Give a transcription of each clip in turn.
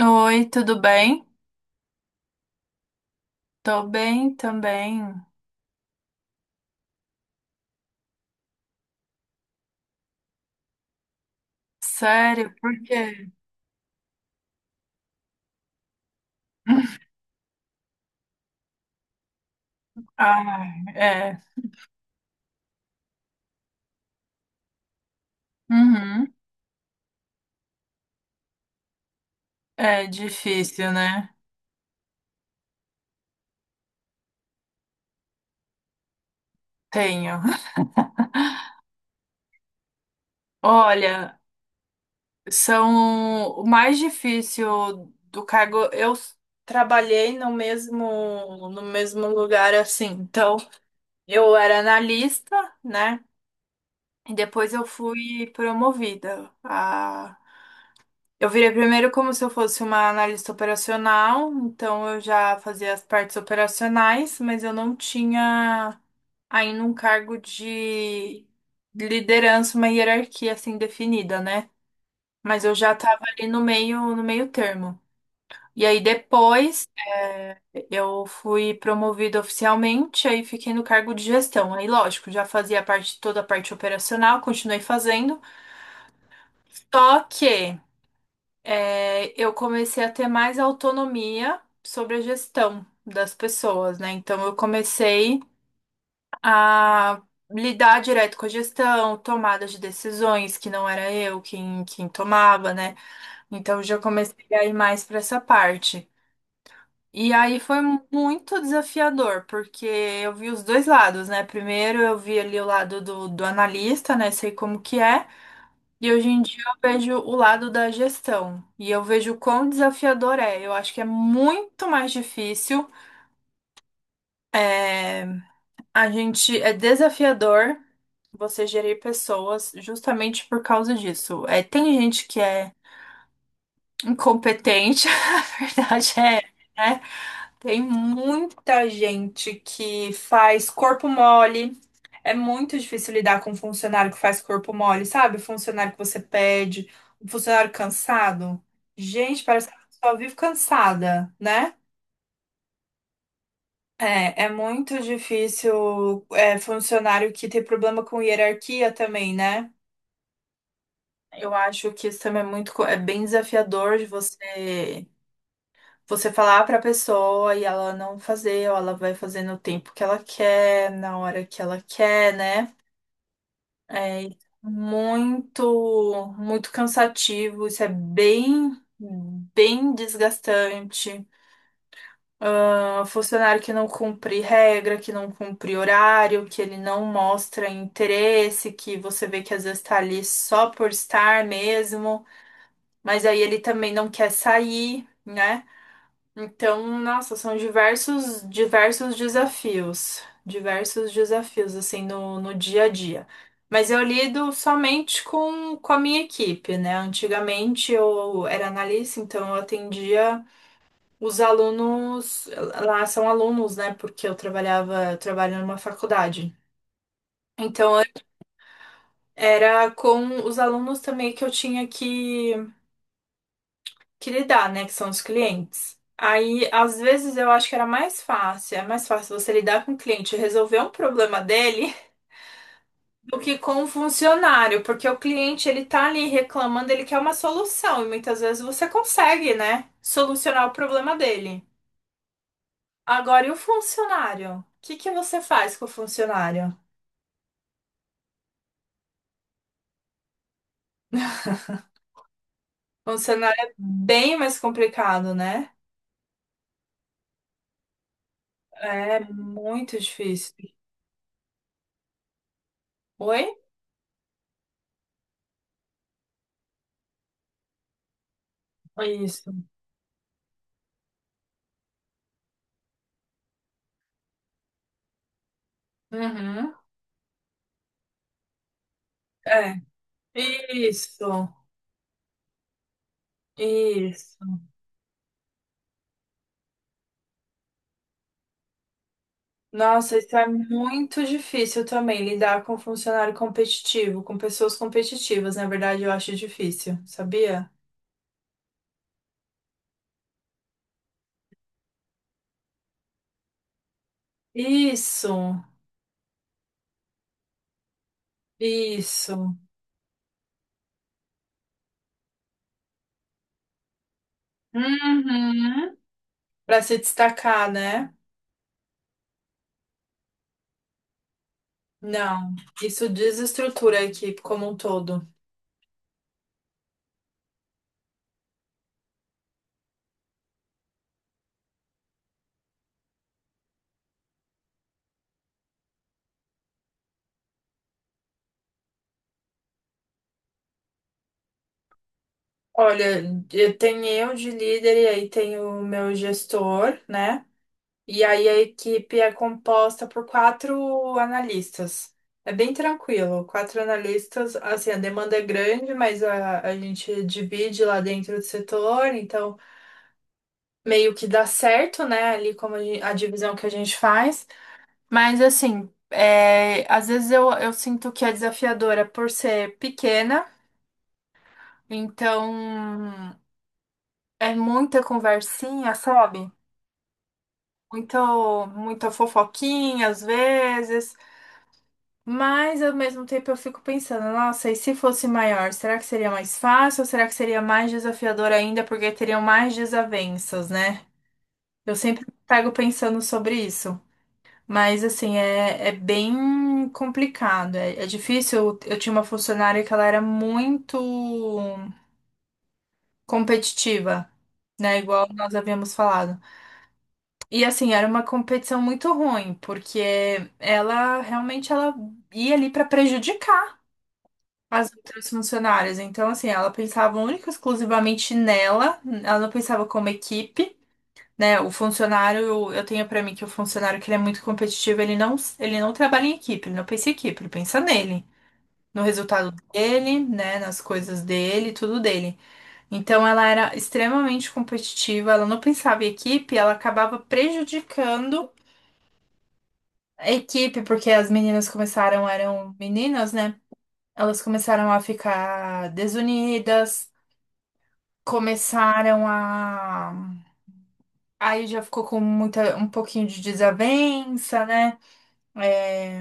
Oi, tudo bem? Tô bem também. Sério, por quê? Ah, é. Uhum. É difícil, né? Tenho. Olha, são o mais difícil do cargo. Trabalhei no mesmo lugar assim. Então, eu era analista, né? E depois eu fui promovida. Eu virei primeiro como se eu fosse uma analista operacional, então eu já fazia as partes operacionais, mas eu não tinha ainda um cargo de liderança, uma hierarquia assim definida, né? Mas eu já estava ali no meio, no meio termo. E aí depois eu fui promovida oficialmente, aí fiquei no cargo de gestão. Aí, lógico, já fazia parte, toda a parte operacional, continuei fazendo. Só que eu comecei a ter mais autonomia sobre a gestão das pessoas, né? Então eu comecei a lidar direto com a gestão, tomada de decisões que não era eu quem tomava, né? Então eu já comecei a ir mais para essa parte. E aí foi muito desafiador, porque eu vi os dois lados, né? Primeiro eu vi ali o lado do analista, né? Sei como que é. E hoje em dia eu vejo o lado da gestão e eu vejo o quão desafiador é. Eu acho que é muito mais difícil. é, A gente é desafiador você gerir pessoas justamente por causa disso. É, tem gente que é incompetente, a verdade é, né? Tem muita gente que faz corpo mole. É muito difícil lidar com um funcionário que faz corpo mole, sabe? O funcionário que você pede, um funcionário cansado. Gente, parece que a pessoa vive cansada, né? É, é muito difícil, funcionário que tem problema com hierarquia também, né? Eu acho que isso também é muito, é bem desafiador de você Você falar pra pessoa e ela não fazer, ou ela vai fazer no tempo que ela quer, na hora que ela quer, né? É muito, muito cansativo, isso é bem, bem desgastante. Ah, funcionário que não cumpre regra, que não cumpre horário, que ele não mostra interesse, que você vê que às vezes tá ali só por estar mesmo, mas aí ele também não quer sair, né? Então, nossa, são diversos, diversos desafios, assim, no, no dia a dia. Mas eu lido somente com a minha equipe, né? Antigamente eu era analista, então eu atendia os alunos, lá são alunos, né? Porque eu trabalhava, eu trabalho numa faculdade. Então, era com os alunos também que eu tinha que lidar, né? Que são os clientes. Aí, às vezes, eu acho que era mais fácil, é mais fácil você lidar com o cliente e resolver um problema dele do que com o funcionário, porque o cliente, ele tá ali reclamando, ele quer uma solução, e muitas vezes você consegue, né, solucionar o problema dele. Agora, e o funcionário? O que que você faz com o funcionário? O funcionário é bem mais complicado, né? É muito difícil. Oi? Isso. Uhum. É. Isso. Isso. Nossa, isso é muito difícil também, lidar com funcionário competitivo, com pessoas competitivas. Na verdade, eu acho difícil, sabia? Isso, isso. Uhum. Para se destacar, né? Não, isso desestrutura a equipe como um todo. Olha, eu tenho eu de líder e aí tem o meu gestor, né? E aí a equipe é composta por quatro analistas. É bem tranquilo, quatro analistas, assim, a demanda é grande, mas a gente divide lá dentro do setor, então meio que dá certo, né, ali como a divisão que a gente faz. Mas assim, é, às vezes eu sinto que é desafiadora por ser pequena, então é muita conversinha, sabe? Muito, muita fofoquinha às vezes. Mas ao mesmo tempo eu fico pensando, nossa, e se fosse maior, será que seria mais fácil ou será que seria mais desafiador ainda porque teriam mais desavenças, né? Eu sempre pego pensando sobre isso. Mas assim, é, é bem complicado. É, é difícil. Eu tinha uma funcionária que ela era muito competitiva, né? Igual nós havíamos falado. E assim, era uma competição muito ruim, porque ela realmente ela ia ali para prejudicar as outras funcionárias. Então, assim, ela pensava única e exclusivamente nela, ela não pensava como equipe. Né, o funcionário, eu tenho pra mim que o funcionário que ele é muito competitivo, ele não trabalha em equipe, ele não pensa em equipe, ele pensa nele, no resultado dele, né, nas coisas dele, tudo dele. Então ela era extremamente competitiva, ela não pensava em equipe, ela acabava prejudicando a equipe, porque as meninas começaram, eram meninas, né? Elas começaram a ficar desunidas, começaram a. Aí já ficou com muita, um pouquinho de desavença, né? É,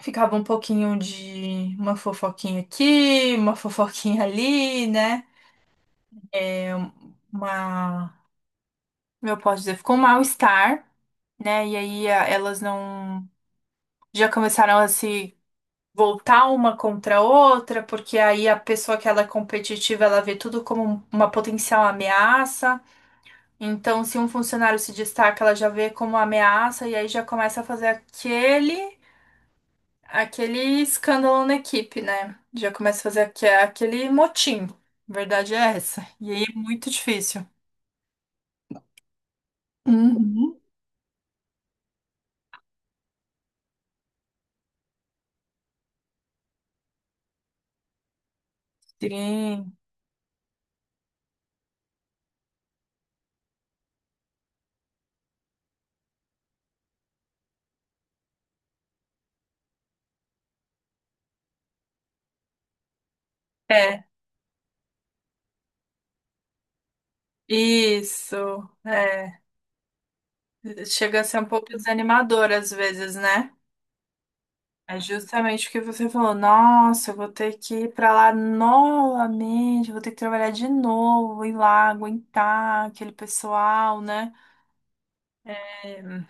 ficava um pouquinho de uma fofoquinha aqui, uma fofoquinha ali, né? É, Uma. Como Eu posso dizer, ficou um mal-estar, né? E aí elas não. Já começaram a se voltar uma contra a outra, porque aí a pessoa que ela é competitiva, ela vê tudo como uma potencial ameaça. Então, se um funcionário se destaca, ela já vê como ameaça e aí já começa a fazer aquele escândalo na equipe, né? Já começa a fazer aquele motim. Verdade é essa. E aí é muito difícil. Uhum. Sim. É, isso. É. Chega a ser um pouco desanimador às vezes, né? É justamente o que você falou. Nossa, eu vou ter que ir pra lá novamente, vou ter que trabalhar de novo, ir lá, aguentar aquele pessoal, né? É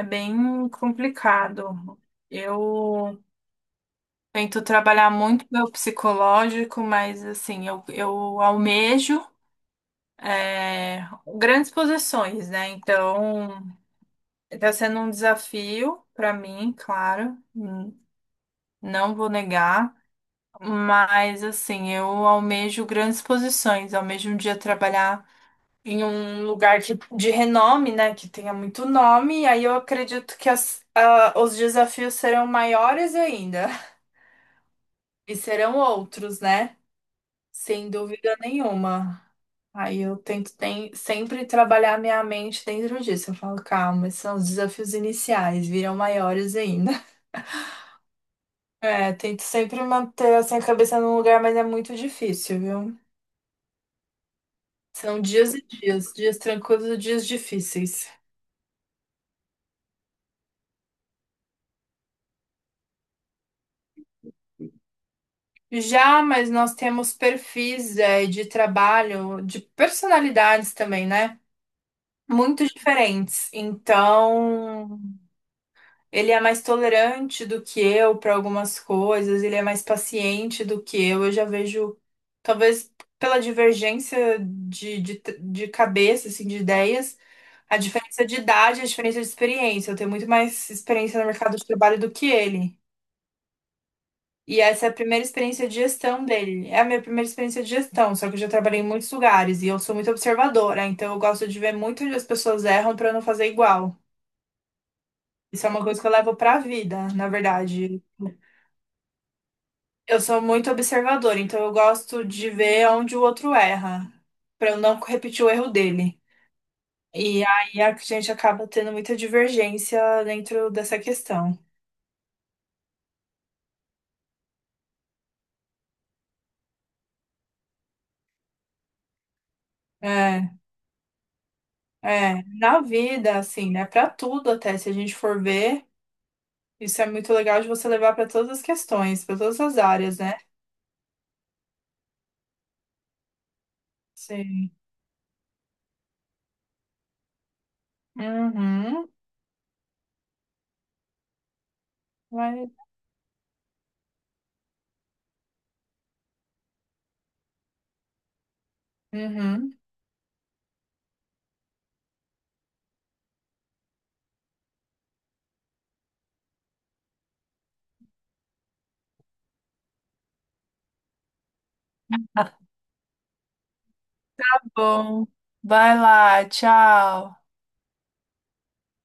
é bem complicado. Eu tento trabalhar muito meu psicológico, mas assim, eu almejo é, grandes posições, né? Então, está sendo um desafio para mim, claro, não vou negar. Mas assim, eu almejo grandes posições, almejo um dia trabalhar em um lugar que, de renome, né, que tenha muito nome, e aí eu acredito que os desafios serão maiores ainda, e serão outros, né, sem dúvida nenhuma. Aí eu tento sempre trabalhar minha mente dentro disso. Eu falo, calma, esses são os desafios iniciais, virão maiores ainda. É, tento sempre manter assim, a cabeça num lugar, mas é muito difícil, viu? São dias e dias, dias tranquilos e dias difíceis. Já, mas nós temos perfis, de trabalho, de personalidades também, né? Muito diferentes. Então, ele é mais tolerante do que eu para algumas coisas, ele é mais paciente do que eu. Eu já vejo, talvez pela divergência de, cabeça, assim, de ideias, a diferença de idade, a diferença de experiência. Eu tenho muito mais experiência no mercado de trabalho do que ele. E essa é a primeira experiência de gestão dele. É a minha primeira experiência de gestão, só que eu já trabalhei em muitos lugares e eu sou muito observadora, então eu gosto de ver muito onde as pessoas erram para não fazer igual. Isso é uma coisa que eu levo para a vida, na verdade. Eu sou muito observadora, então eu gosto de ver onde o outro erra, para eu não repetir o erro dele. E aí a gente acaba tendo muita divergência dentro dessa questão. É, é, na vida, assim, né? Para tudo até, se a gente for ver. Isso é muito legal de você levar para todas as questões, para todas as áreas, né? Sim. Uhum. Vai. Uhum. Bom, vai lá, tchau.